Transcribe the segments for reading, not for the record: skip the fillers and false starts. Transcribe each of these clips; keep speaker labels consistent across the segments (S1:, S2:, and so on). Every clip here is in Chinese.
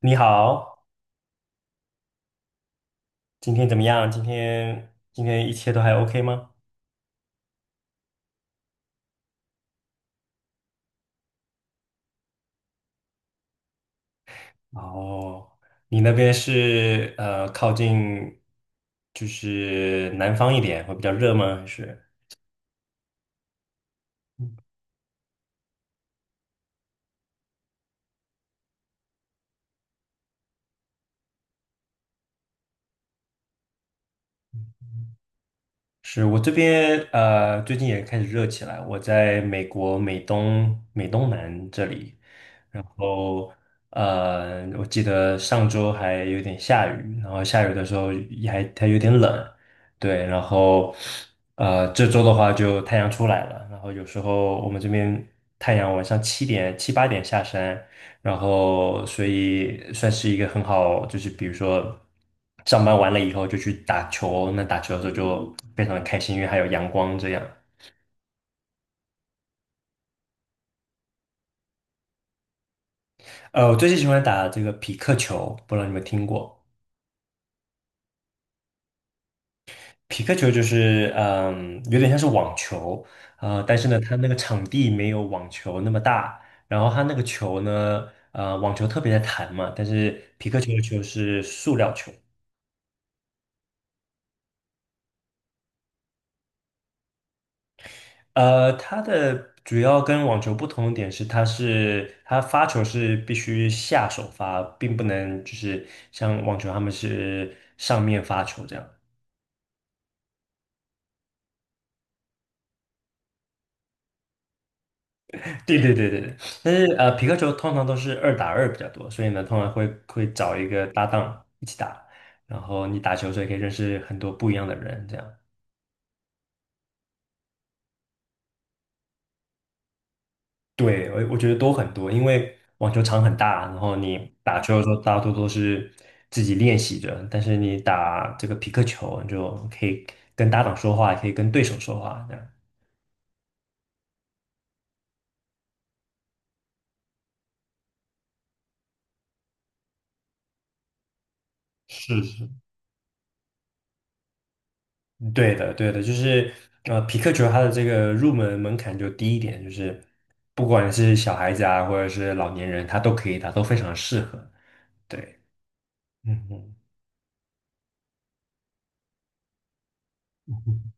S1: 你好，今天怎么样？今天一切都还 OK 吗？哦，你那边是靠近就是南方一点，会比较热吗？还是？是我这边最近也开始热起来。我在美国美东南这里，然后我记得上周还有点下雨，然后下雨的时候也还它有点冷，对。然后这周的话就太阳出来了，然后有时候我们这边太阳晚上七八点下山，然后所以算是一个很好，就是比如说上班完了以后就去打球，那打球的时候就非常的开心，因为还有阳光这样。我最近喜欢打这个匹克球，不知道你们听过？匹克球就是嗯，有点像是网球，但是呢，它那个场地没有网球那么大，然后它那个球呢，网球特别的弹嘛，但是匹克球的球是塑料球。它的主要跟网球不同的点是，它发球是必须下手发，并不能就是像网球他们是上面发球这样。对对对对对。但是皮克球通常都是二打二比较多，所以呢，通常会找一个搭档一起打，然后你打球的时候也可以认识很多不一样的人这样。对，我觉得都很多，因为网球场很大，然后你打球的时候大多都是自己练习着，但是你打这个匹克球，你就可以跟搭档说话，也可以跟对手说话，这样。是是，对的，对的，就是匹克球它的这个入门门槛就低一点，就是不管是小孩子啊，或者是老年人，他都可以打，都非常适合。对，嗯嗯，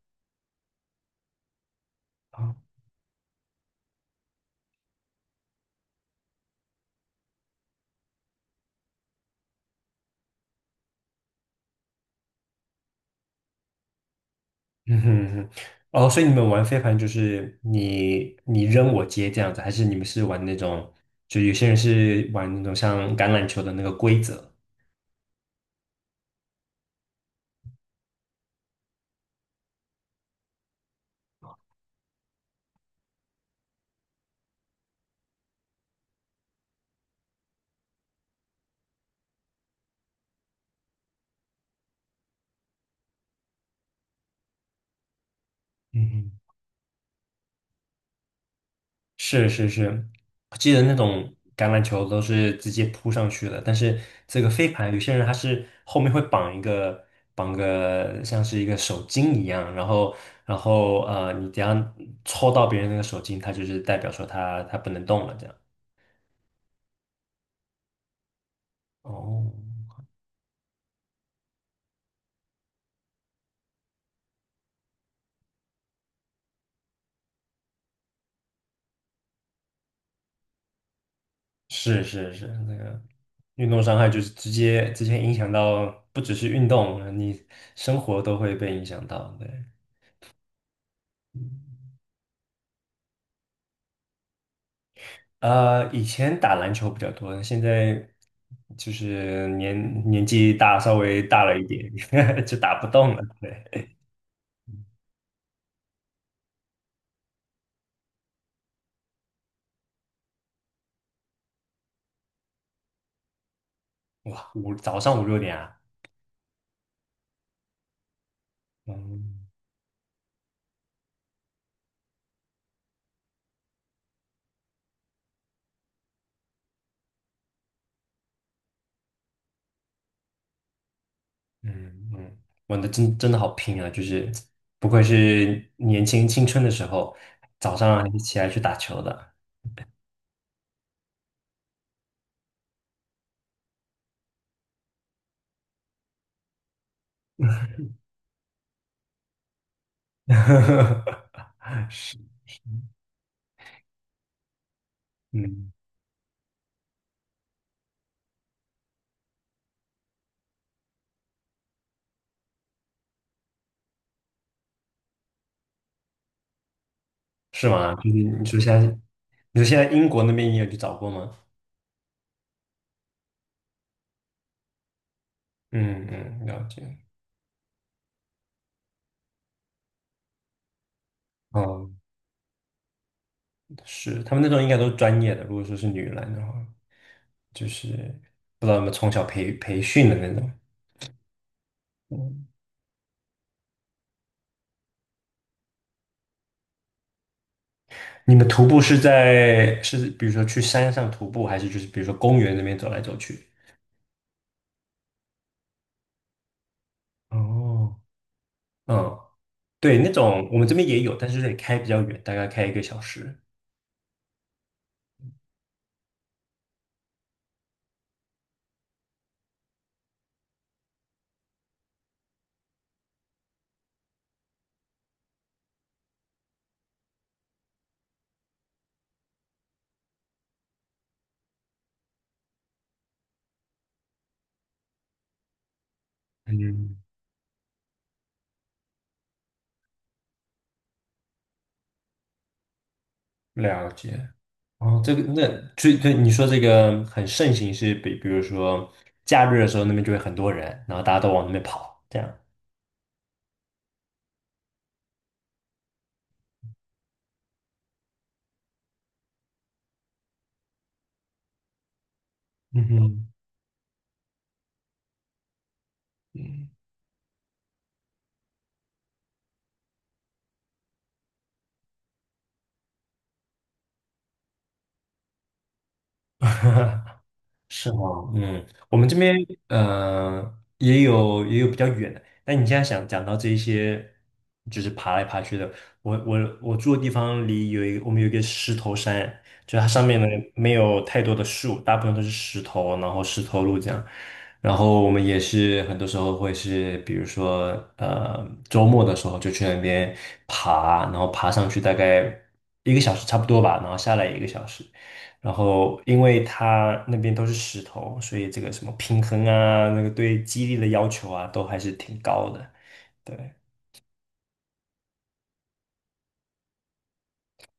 S1: 嗯哼嗯哼，哦，所以你们玩飞盘就是你扔我接这样子，还是你们是玩那种，就有些人是玩那种像橄榄球的那个规则？嗯哼，是是是，我记得那种橄榄球都是直接扑上去的，但是这个飞盘有些人他是后面会绑个像是一个手巾一样，然后你只要抽到别人那个手巾，他就是代表说他不能动了这样。哦，是是是，那个运动伤害就是直接影响到，不只是运动，你生活都会被影响到。对，以前打篮球比较多，现在就是年纪大，稍微大了一点，就打不动了。对，哇，五早上五六点啊，嗯嗯嗯，玩的真的好拼啊，就是不愧是年轻青春的时候，早上还是起来去打球的。嗯。是吗？就是你说现在，你说现在英国那边你有去找过吗？嗯嗯，了解。哦，是，他们那种应该都是专业的。如果说是女篮的话，就是不知道有没有从小培训的那种。嗯，你们徒步是是比如说去山上徒步，还是就是比如说公园那边走来走去？哦，嗯，对，那种我们这边也有，但是得开比较远，大概开一个小时。嗯了解。哦，这个那对你说这个很盛行是比如说假日的时候那边就会很多人，然后大家都往那边跑，这样。嗯哼，嗯，是吗？嗯，我们这边也有比较远的，但你现在想讲到这一些，就是爬来爬去的，我住的地方离有一个我们有一个石头山，就它上面呢没有太多的树，大部分都是石头，然后石头路这样，然后我们也是很多时候会是，比如说周末的时候就去那边爬，然后爬上去大概一个小时差不多吧，然后下来一个小时。然后因为它那边都是石头，所以这个什么平衡啊，那个对肌力的要求啊，都还是挺高的。对，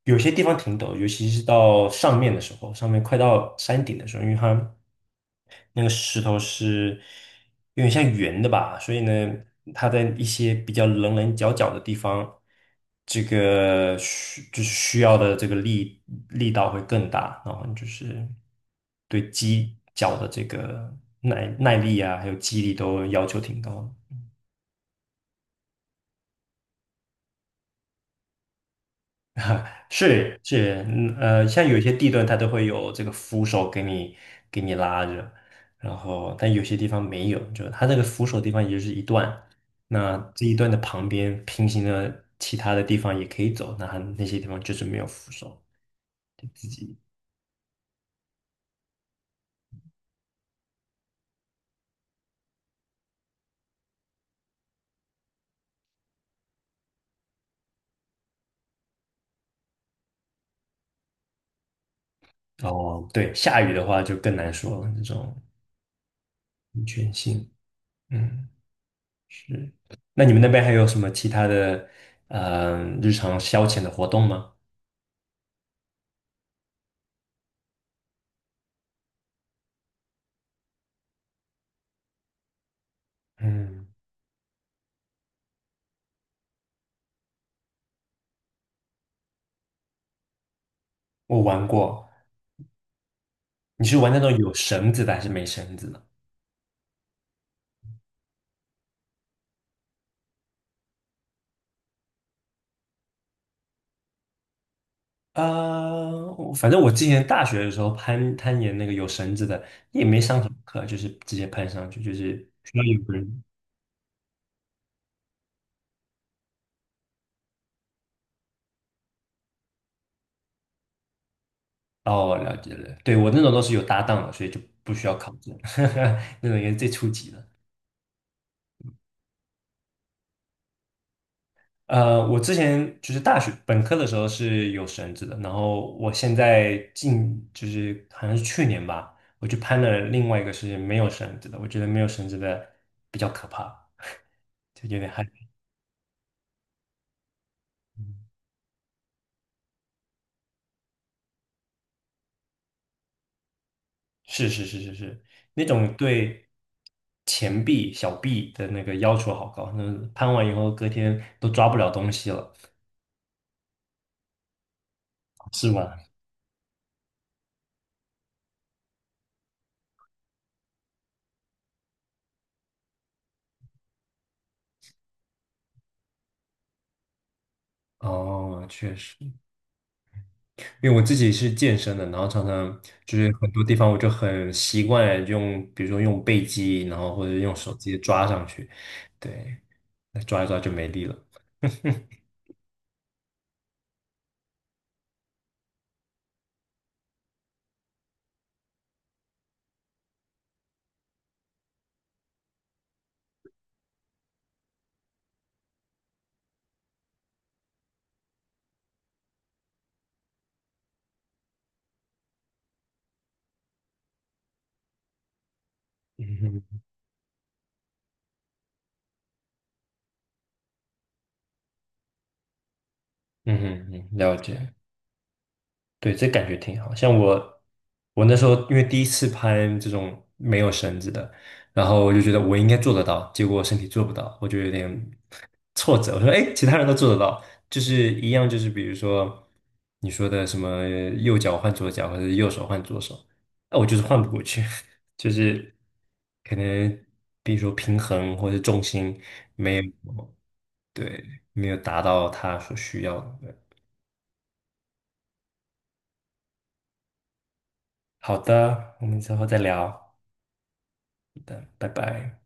S1: 有些地方挺陡，尤其是到上面的时候，上面快到山顶的时候，因为它那个石头是有点像圆的吧，所以呢，它在一些比较棱棱角角的地方，这个就是需要的这个力道会更大，然后就是对肌脚的这个耐力啊，还有肌力都要求挺高的。是是，嗯像有些地段它都会有这个扶手给你拉着，然后但有些地方没有，就它这个扶手地方也就是一段，那这一段的旁边平行的其他的地方也可以走，那它那些地方就是没有扶手，自己哦，对，下雨的话就更难说了，这种安全性，嗯，是。那你们那边还有什么其他的日常消遣的活动吗？嗯，我玩过。你是玩那种有绳子的还是没绳子的？我反正我之前大学的时候攀岩那个有绳子的，也没上什么课，就是直接攀上去，就是需要有个人。哦，了解了，对，我那种都是有搭档的，所以就不需要考证，那种也是最初级的。我之前就是大学本科的时候是有绳子的，然后我现在近就是好像是去年吧，我去攀了另外一个是没有绳子的，我觉得没有绳子的比较可怕，就有点害怕。是，那种对前臂、小臂的那个要求好高，那攀完以后隔天都抓不了东西了，是吧？哦，确实，因为我自己是健身的，然后常常就是很多地方我就很习惯用，比如说用背肌，然后或者用手直接抓上去，对，那抓一抓就没力了。嗯哼，嗯哼，嗯了解。对，这感觉挺好。像我，我那时候因为第一次拍这种没有绳子的，然后我就觉得我应该做得到，结果身体做不到，我就有点挫折。我说，哎，其他人都做得到，就是一样，就是比如说你说的什么右脚换左脚，或者是右手换左手，那我就是换不过去，就是可能比如说平衡或者重心没有，对，没有达到他所需要的。对好的，我们之后再聊。拜拜。